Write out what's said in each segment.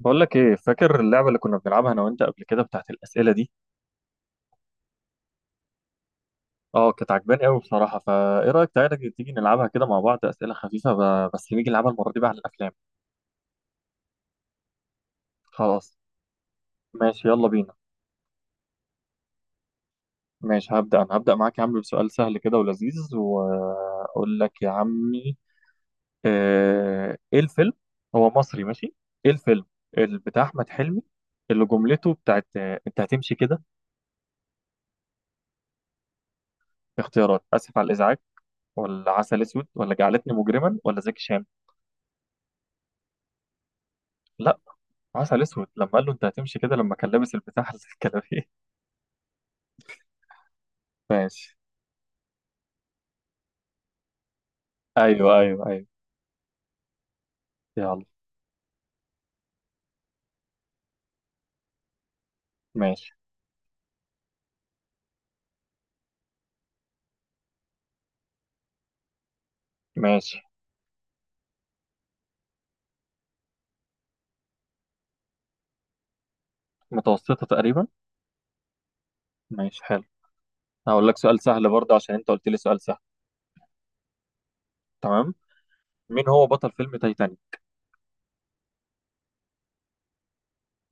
بقول لك ايه، فاكر اللعبه اللي كنا بنلعبها انا وانت قبل كده بتاعت الاسئله دي؟ اه كانت عجباني قوي بصراحه، فايه رايك تعالى تيجي نلعبها كده مع بعض اسئله خفيفه، بس نيجي نلعبها المره دي بقى على الافلام. خلاص. ماشي يلا بينا. ماشي، هبدا انا هبدا معاك يا عم بسؤال سهل كده ولذيذ، واقول لك يا عمي. ايه الفيلم؟ هو مصري ماشي. ايه الفيلم اللي بتاع احمد حلمي، اللي جملته بتاعت انت هتمشي كده؟ اختيارات: اسف على الازعاج، ولا عسل اسود، ولا جعلتني مجرما، ولا زكي شان. لا، عسل اسود لما قال له انت هتمشي كده لما كان لابس البتاع الكلابيه. ماشي. ايوه ايوه ايوه. يلا. ماشي. ماشي. متوسطه تقريبا. ماشي حلو. هقول لك سؤال سهل برضه عشان انت قلت لي سؤال سهل. تمام. مين هو بطل فيلم تايتانيك؟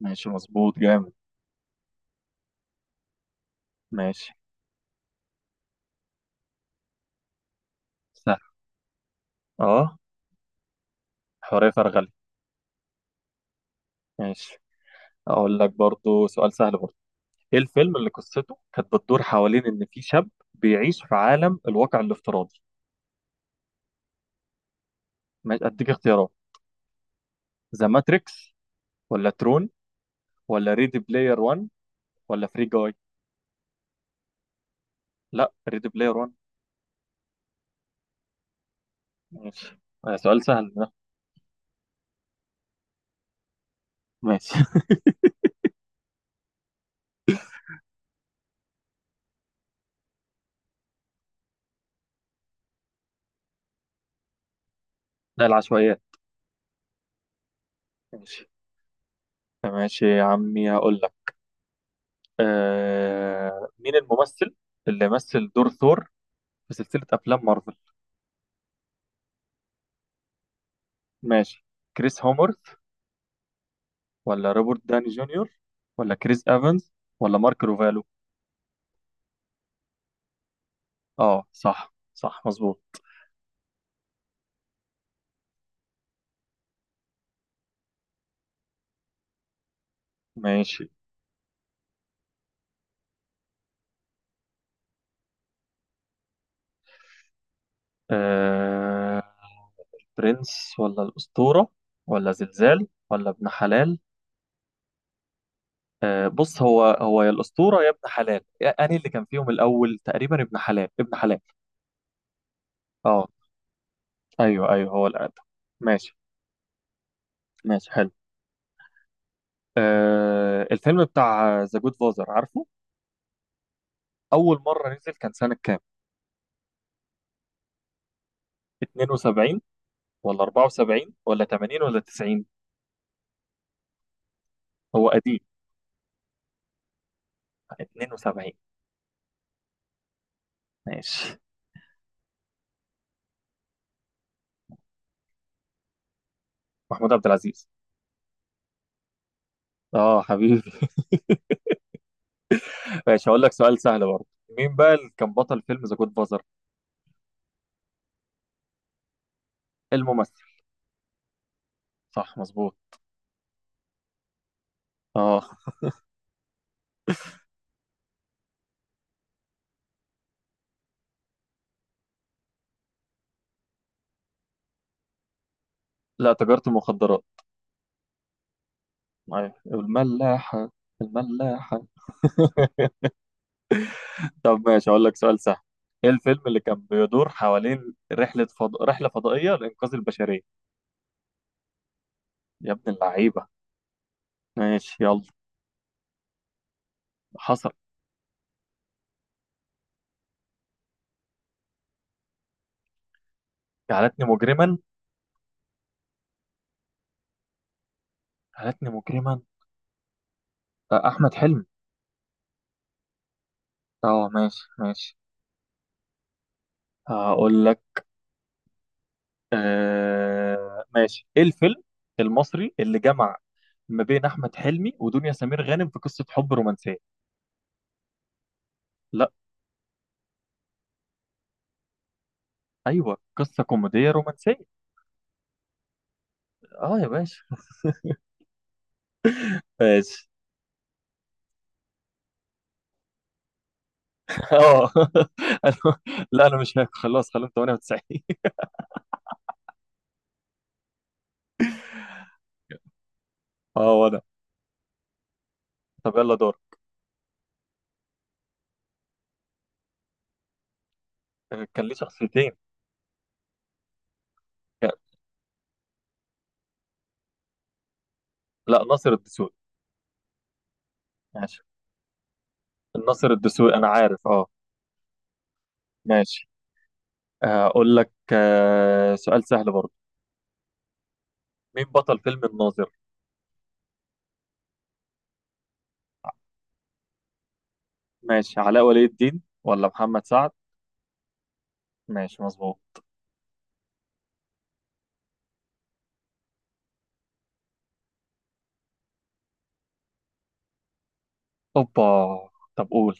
ماشي مظبوط جامد. ماشي. سهل. اه. حورية فرغلي. ماشي. اقول لك برضه سؤال سهل برضه. ايه الفيلم اللي قصته كانت بتدور حوالين ان في شاب بيعيش في عالم الواقع الافتراضي؟ ماشي اديك اختيارات: ذا ماتريكس، ولا ترون، ولا ريدي بلاير 1، ولا فري جاي. لا، ريدي بلاير 1. ماشي. سؤال سهل ده. ماشي. ده العشوائيات. ماشي. ماشي يا عمي هقول لك. مين الممثل اللي مثل دور ثور في سلسلة أفلام مارفل؟ ماشي، كريس هومورث، ولا روبرت داني جونيور، ولا كريس إيفانز، ولا مارك روفالو. اه صح صح مظبوط. ماشي. آه... برنس، ولا الأسطورة، ولا زلزال، ولا ابن حلال؟ بص، هو هو يا الأسطورة يا ابن حلال أنهي اللي كان فيهم الأول؟ تقريبا ابن حلال، ابن حلال. اه أيوه أيوه، هو الأقدم. ماشي. ماشي حلو. آه الفيلم بتاع ذا جود فازر، عارفه؟ أول مرة نزل كان سنة كام؟ 72 ولا 74 ولا 80 ولا 90؟ هو قديم. 72. ماشي. محمود عبد العزيز. اه حبيبي. ماشي هقول لك سؤال سهل برضه. مين بقى اللي كان بطل فيلم ذا جود فازر؟ الممثل. صح مظبوط. اه. لا، تجارة المخدرات. أيوة. الملاحة. الملاحة. طب ماشي أقول لك سؤال سهل. إيه الفيلم اللي كان بيدور حوالين رحلة فضائية لإنقاذ البشرية؟ يا ابن اللعيبة. ماشي يلا. حصل. جعلتني مجرما. جعلتني مجرما. أحمد حلمي. أه ماشي ماشي. هقول لك. ماشي، إيه الفيلم المصري اللي جمع ما بين أحمد حلمي ودنيا سمير غانم في قصة حب رومانسية؟ لا. أيوه، قصة كوميدية رومانسية. أه يا باشا. ماشي. اه. أنا- لا انا مش هاكل خلاص، خليهم 98. اه وانا. طب يلا دور. كان ليه شخصيتين. كان- لا، ناصر الدسوقي. ماشي. ناصر الدسوقي انا عارف اه. ماشي. اقول لك سؤال سهل برضه. مين بطل فيلم الناظر؟ ماشي، علاء ولي الدين ولا محمد سعد. ماشي مظبوط. اوبا. طب قول.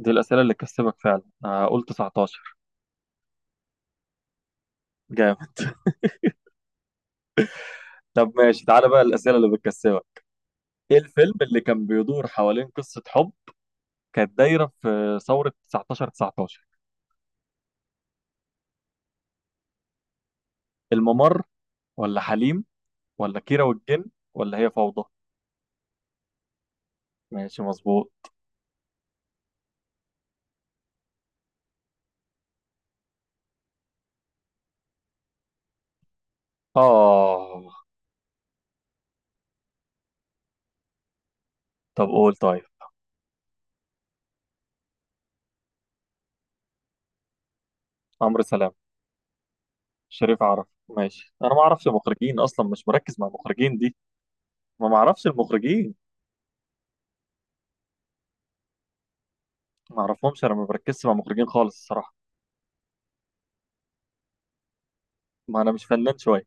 دي الاسئله اللي تكسبك فعلا. قول 19. جامد. طب ماشي تعالى بقى الاسئله اللي بتكسبك. ايه الفيلم اللي كان بيدور حوالين قصه حب كانت دايرة في ثورة 19 19؟ الممر، ولا حليم، ولا كيرة والجن، ولا هي فوضى؟ ماشي مظبوط. آه. طب قول طيب. عمرو سلام. شريف عرف. ماشي انا ما اعرفش المخرجين اصلا، مش مركز مع المخرجين دي. ما اعرفش المخرجين. ما اعرفهمش انا، ما بركزش مع المخرجين خالص الصراحة. ما انا مش فنان شوية.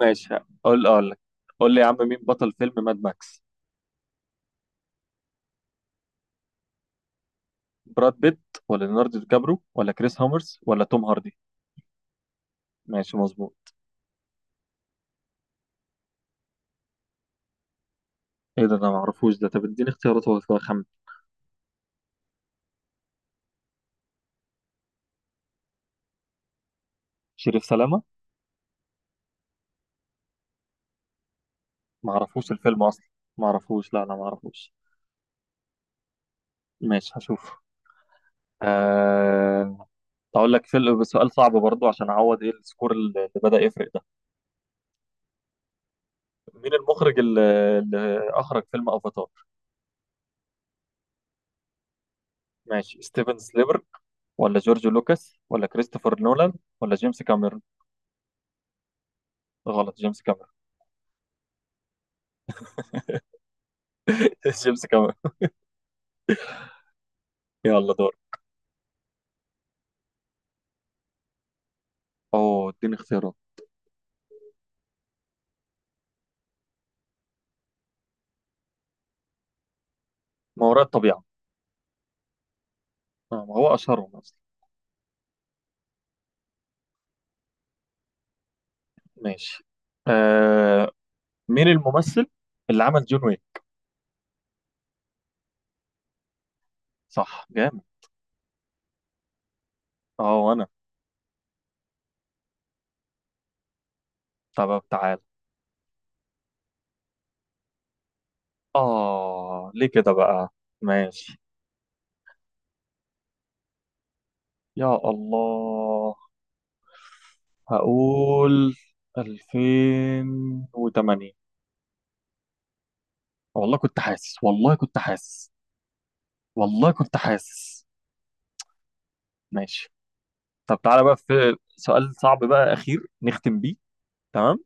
ماشي. اقول لك. قول لي يا عم، مين بطل فيلم ماد ماكس؟ براد بيت، ولا ليوناردو دي كابرو، ولا كريس هامرز، ولا توم هاردي. ماشي مظبوط. ايه ده، انا معرفوش ده. طب اديني اختيارات هو كده خمن. شريف سلامة. معرفوش الفيلم اصلا. معرفوش، لا انا معرفوش. ماشي هشوف. أه... اقول لك فيلم سؤال صعب برضو عشان اعوض، ايه السكور اللي بدأ يفرق ده. مين المخرج اللي اخرج فيلم افاتار؟ ماشي ستيفن سليبر، ولا جورج لوكاس، ولا كريستوفر نولان، ولا جيمس كاميرون. غلط، جيمس كاميرون. جيمس كاميرون. يلا دور. اوه اديني اختيارات. ما وراء الطبيعة. ما هو اشهرهم اصلا. ماشي. أه... مين الممثل اللي عمل جون ويك؟ صح جامد. اه وانا. طب تعال. اه ليه كده بقى. ماشي. يا الله. هقول 2008. والله كنت حاسس. والله كنت حاسس. والله كنت حاسس. ماشي. طب تعالى بقى في سؤال صعب بقى اخير نختم بيه. تمام.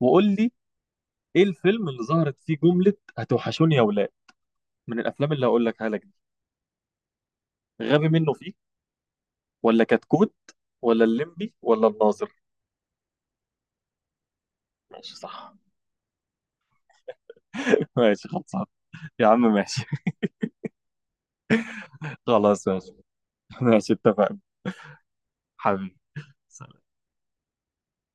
وقول لي، ايه الفيلم اللي ظهرت فيه جملة هتوحشوني يا ولاد؟ من الافلام اللي هقول لك عليها دي: غبي منه فيه، ولا كتكوت، ولا الليمبي، ولا الناظر. ماشي صح. ماشي خلصان يا عم. ماشي. خلاص ماشي. ماشي اتفقنا. حبيبي.